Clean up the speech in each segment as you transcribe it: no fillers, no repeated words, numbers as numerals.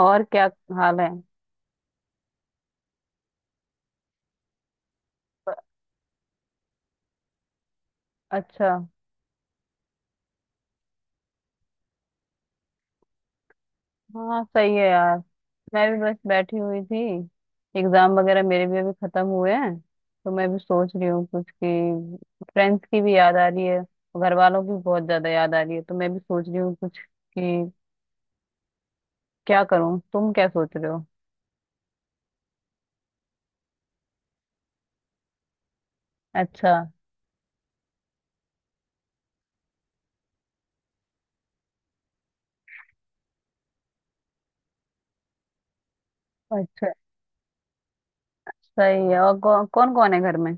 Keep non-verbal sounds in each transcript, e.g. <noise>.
और क्या हाल है। अच्छा। हाँ सही है यार। मैं भी बस बैठी हुई थी। एग्जाम वगैरह मेरे भी अभी खत्म हुए हैं, तो मैं भी सोच रही हूँ कुछ कि फ्रेंड्स की भी याद आ रही है, घर वालों की बहुत ज्यादा याद आ रही है, तो मैं भी सोच रही हूँ कुछ कि क्या करूँ। तुम क्या सोच रहे हो? अच्छा। अच्छा, सही है। और कौन कौन है घर में?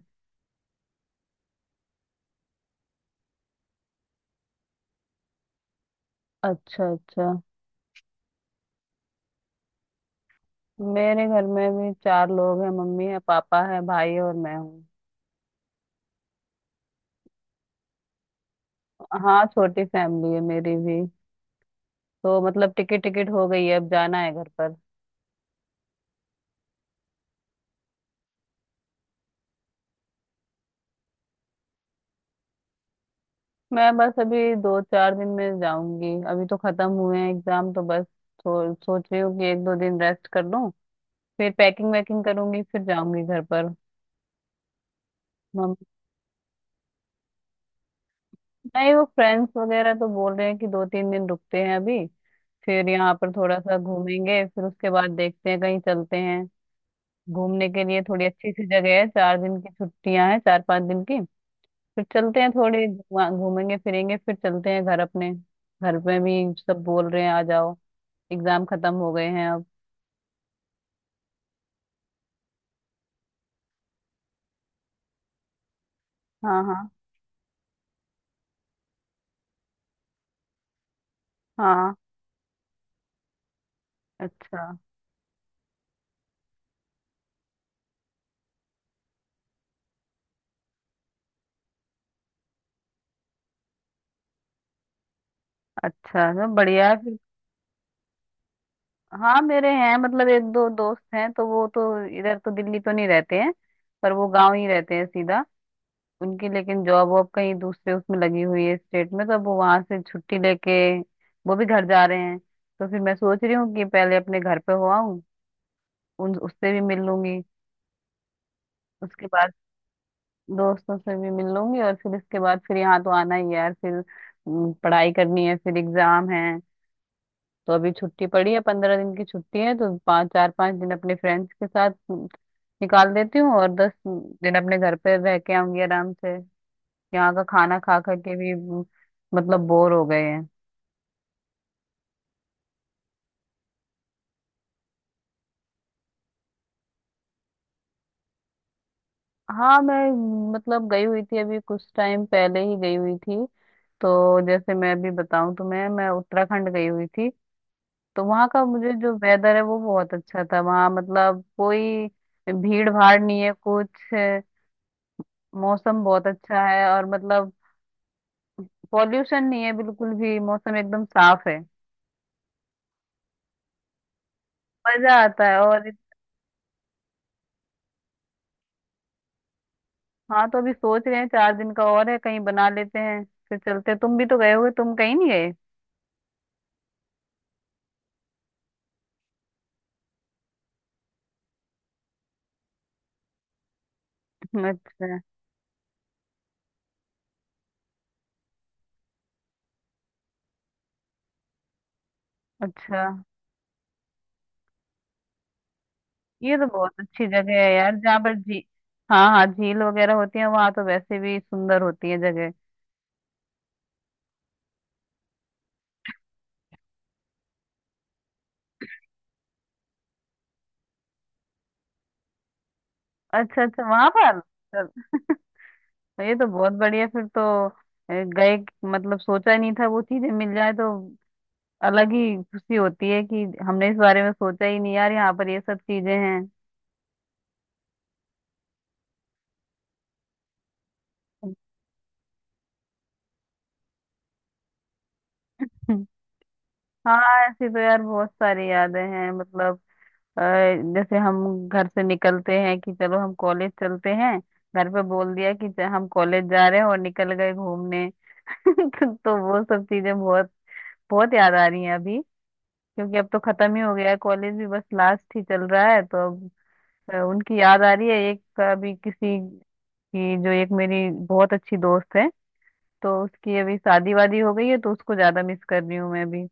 अच्छा अच्छा। मेरे घर में भी चार लोग हैं। मम्मी है, पापा है, भाई है, और मैं हूँ। हाँ, छोटी फैमिली है मेरी भी। तो मतलब टिकट टिकट हो गई है, अब जाना है घर पर। मैं बस अभी दो चार दिन में जाऊंगी। अभी तो खत्म हुए हैं एग्जाम, तो बस सोच रही हूँ कि एक दो दिन रेस्ट कर लूँ, फिर पैकिंग वैकिंग करूंगी, फिर जाऊंगी घर पर। मम- नहीं, वो फ्रेंड्स वगैरह तो बोल रहे हैं कि दो तीन दिन रुकते हैं अभी, फिर यहाँ पर थोड़ा सा घूमेंगे, फिर उसके बाद देखते हैं कहीं चलते हैं घूमने के लिए थोड़ी अच्छी सी जगह है। चार दिन की छुट्टियां हैं, चार पांच दिन की, फिर चलते हैं थोड़ी वहाँ, घूमेंगे फिरेंगे, फिर चलते हैं घर अपने। घर में भी सब बोल रहे हैं आ जाओ, एग्जाम खत्म हो गए हैं अब। हाँ हाँ हाँ। अच्छा, अच्छा तो बढ़िया है फिर। हाँ मेरे हैं, मतलब एक दो दोस्त हैं, तो वो तो इधर तो, दिल्ली तो नहीं रहते हैं, पर वो गांव ही रहते हैं सीधा। उनकी लेकिन जॉब वॉब कहीं दूसरे उसमें लगी हुई है स्टेट में, तो अब वो वहां से छुट्टी लेके वो भी घर जा रहे हैं, तो फिर मैं सोच रही हूँ कि पहले अपने घर पे हो आऊँ, उन उससे भी मिल लूंगी उसके बाद। दोस्तों से भी मिल लूंगी, और फिर इसके बाद फिर यहाँ तो आना ही है यार। फिर पढ़ाई करनी है, फिर एग्जाम है। तो अभी छुट्टी पड़ी है, पंद्रह दिन की छुट्टी है, तो पाँच, चार पाँच दिन अपने फ्रेंड्स के साथ निकाल देती हूँ, और दस दिन अपने घर पे रह के आऊंगी आराम से। यहाँ का खाना खा खा के भी मतलब बोर हो गए हैं। हाँ मैं मतलब गई हुई थी अभी कुछ टाइम पहले ही गई हुई थी। तो जैसे मैं अभी बताऊं तुम्हें, मैं उत्तराखंड गई हुई थी। तो वहाँ का मुझे जो वेदर है वो बहुत अच्छा था। वहाँ मतलब कोई भीड़ भाड़ नहीं है कुछ है, मौसम बहुत अच्छा है, और मतलब पॉल्यूशन नहीं है बिल्कुल भी, मौसम एकदम साफ है। मजा आता है और हाँ। तो अभी सोच रहे हैं चार दिन का और है, कहीं बना लेते हैं, फिर चलते हैं। तुम भी तो गए हुए, तुम कहीं नहीं गए? <laughs> अच्छा अच्छा। ये तो बहुत अच्छी जगह है यार, जहाँ पर झी, हाँ हाँ, झील वगैरह होती है वहाँ तो वैसे भी सुंदर होती है जगह। अच्छा अच्छा, वहां पर तो ये तो बहुत बढ़िया फिर तो। गए मतलब सोचा ही नहीं था वो चीजें मिल जाए, तो अलग ही खुशी होती है कि हमने इस बारे में सोचा ही नहीं यार, यहाँ पर ये सब चीजें हैं। <laughs> हाँ, ऐसी तो यार बहुत सारी यादें हैं मतलब। अ, जैसे हम घर से निकलते हैं कि चलो हम कॉलेज चलते हैं, घर पे बोल दिया कि हम कॉलेज जा रहे हैं, और निकल गए घूमने। <laughs> तो वो सब चीजें बहुत बहुत याद आ रही हैं अभी। क्योंकि अब तो खत्म ही हो गया है कॉलेज भी, बस लास्ट ही चल रहा है, तो अब उनकी याद आ रही है। एक अभी किसी की जो एक मेरी बहुत अच्छी दोस्त है, तो उसकी अभी शादी वादी हो गई है, तो उसको ज्यादा मिस कर रही हूँ मैं अभी।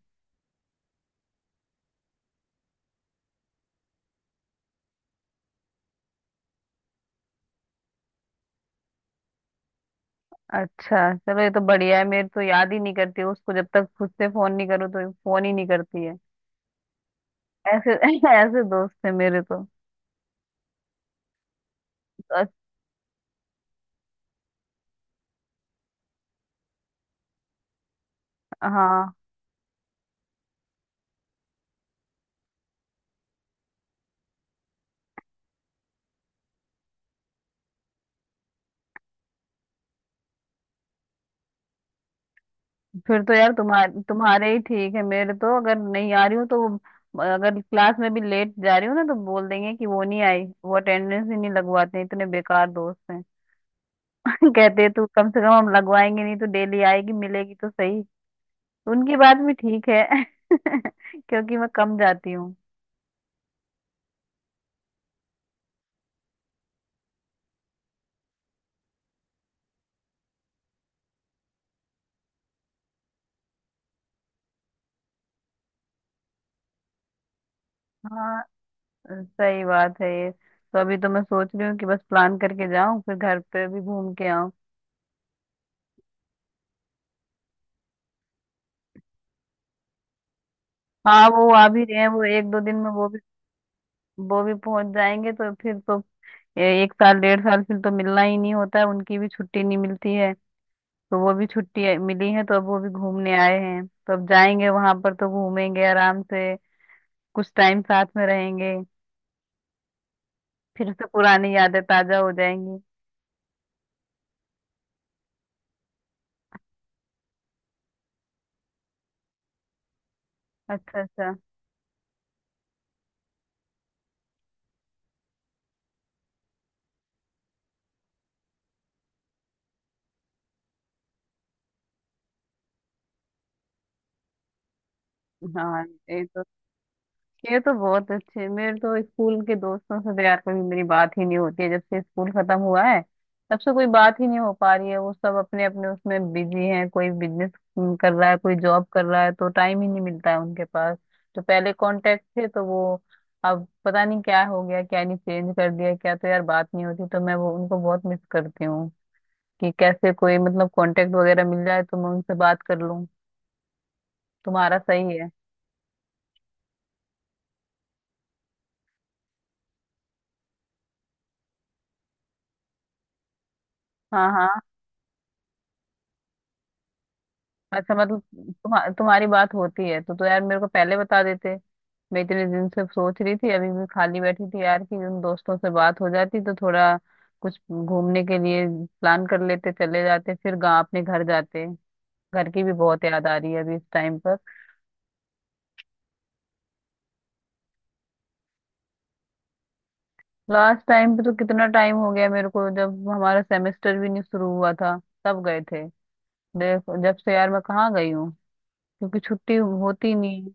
अच्छा, चलो ये तो बढ़िया है। मेरे तो याद ही नहीं करती उसको, जब तक खुद से फोन नहीं करूँ तो फोन ही नहीं करती है, ऐसे <laughs> ऐसे दोस्त है मेरे तो। अस- हाँ, फिर तो यार तुम्हारे तुम्हारे ही ठीक है। मेरे तो अगर नहीं आ रही हूँ तो अगर क्लास में भी लेट जा रही हूँ ना, तो बोल देंगे कि वो नहीं आई, वो अटेंडेंस ही नहीं लगवाते, इतने बेकार दोस्त हैं। <laughs> कहते तू कम से कम हम लगवाएंगे नहीं, तो डेली आएगी मिलेगी तो सही। उनकी बात भी ठीक है। <laughs> क्योंकि मैं कम जाती हूँ। हाँ सही बात है। ये तो अभी तो मैं सोच रही हूँ कि बस प्लान करके जाऊं, फिर घर पे भी घूम के आऊं। हाँ, वो आ भी रहे हैं, वो एक दो दिन में वो भी, वो भी पहुंच जाएंगे, तो फिर तो एक साल, डेढ़ साल फिर तो मिलना ही नहीं होता है, उनकी भी छुट्टी नहीं मिलती है। तो वो भी छुट्टी मिली है, तो अब वो भी घूमने आए हैं, तो अब जाएंगे वहां पर, तो घूमेंगे आराम से, कुछ टाइम साथ में रहेंगे, फिर से पुरानी यादें ताजा हो जाएंगी। अच्छा अच्छा। हाँ, ये तो, ये तो बहुत अच्छे। मेरे तो स्कूल के दोस्तों से तो यार कभी मेरी बात ही नहीं होती है, जब से स्कूल खत्म हुआ है तब से कोई बात ही नहीं हो पा रही है। वो सब अपने अपने उसमें बिजी हैं, कोई बिजनेस कर रहा है, कोई जॉब कर रहा है, तो टाइम ही नहीं मिलता है उनके पास। जो पहले कांटेक्ट थे तो वो अब पता नहीं क्या हो गया, क्या नहीं, चेंज कर दिया क्या, तो यार बात नहीं होती, तो मैं वो उनको बहुत मिस करती हूँ। कि कैसे कोई मतलब कांटेक्ट वगैरह मिल जाए तो मैं उनसे बात कर लूँ। तुम्हारा सही है। हाँ हाँ। अच्छा मतलब तुम्हारी बात होती है? तो यार मेरे को पहले बता देते। मैं इतने दिन से सोच रही थी, अभी भी खाली बैठी थी यार, कि उन दोस्तों से बात हो जाती तो थोड़ा कुछ घूमने के लिए प्लान कर लेते, चले जाते, फिर गाँव अपने घर जाते। घर की भी बहुत याद आ रही है अभी इस टाइम पर। लास्ट टाइम पे तो कितना टाइम हो गया मेरे को, जब हमारा सेमेस्टर भी नहीं शुरू हुआ था तब गए थे। देखो जब से यार मैं कहाँ गई हूँ, क्योंकि छुट्टी होती नहीं।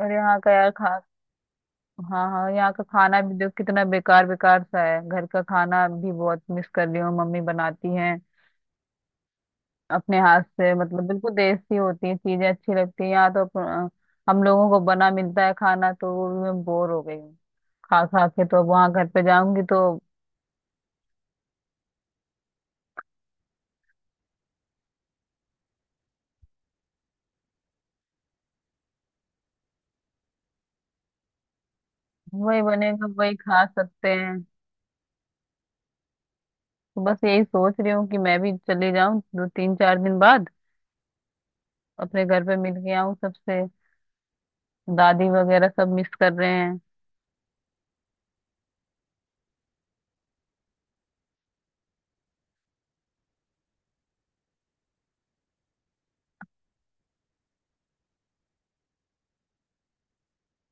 और यहाँ का यार खा, हाँ हाँ, यहाँ का खाना भी देखो कितना बेकार बेकार सा है। घर का खाना भी बहुत मिस कर रही हूँ, मम्मी बनाती हैं अपने हाथ से, मतलब बिल्कुल देसी होती है चीजें, अच्छी लगती है। यहाँ तो हम लोगों को बना मिलता है खाना, तो वो भी मैं बोर हो गई हूँ खा खा के, तो अब वहाँ घर पे जाऊंगी तो। वही बनेगा वही खा सकते हैं। तो बस यही सोच रही हूँ कि मैं भी चली जाऊँ दो तीन चार दिन बाद अपने घर पे, मिल के आऊँ सबसे, दादी वगैरह सब मिस कर रहे हैं।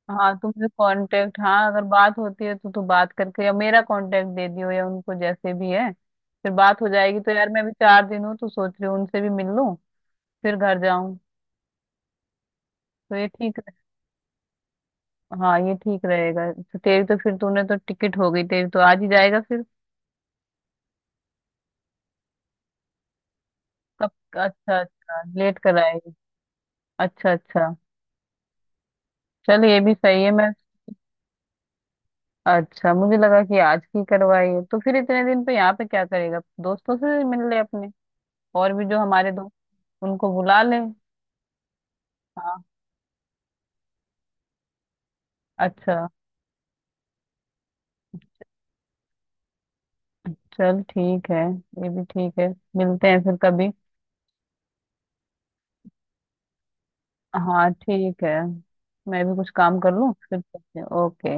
हाँ तुम मेरे कांटेक्ट, हाँ अगर बात होती है तो तू बात करके या मेरा कांटेक्ट दे दियो या उनको, जैसे भी है फिर बात हो जाएगी, तो यार मैं भी चार दिन हूँ तो सोच रही हूँ उनसे भी मिल लूँ फिर घर जाऊँ। तो ये हाँ ये ठीक रहेगा। तो तेरी तो फिर, तूने तो टिकट हो गई, तेरी तो आज ही जाएगा फिर? कब? अच्छा अच्छा, लेट कराएगी। अच्छा अच्छा। चल ये भी सही है। मैं, अच्छा मुझे लगा कि आज की करवाई है, तो फिर इतने दिन पे यहाँ पे क्या करेगा? दोस्तों से मिल ले अपने और भी जो हमारे दोस्त, उनको बुला ले। हाँ। अच्छा, चल ठीक है, ये भी ठीक है, मिलते हैं फिर कभी। हाँ ठीक है, मैं भी कुछ काम कर लूँ, फिर करते हैं। ओके।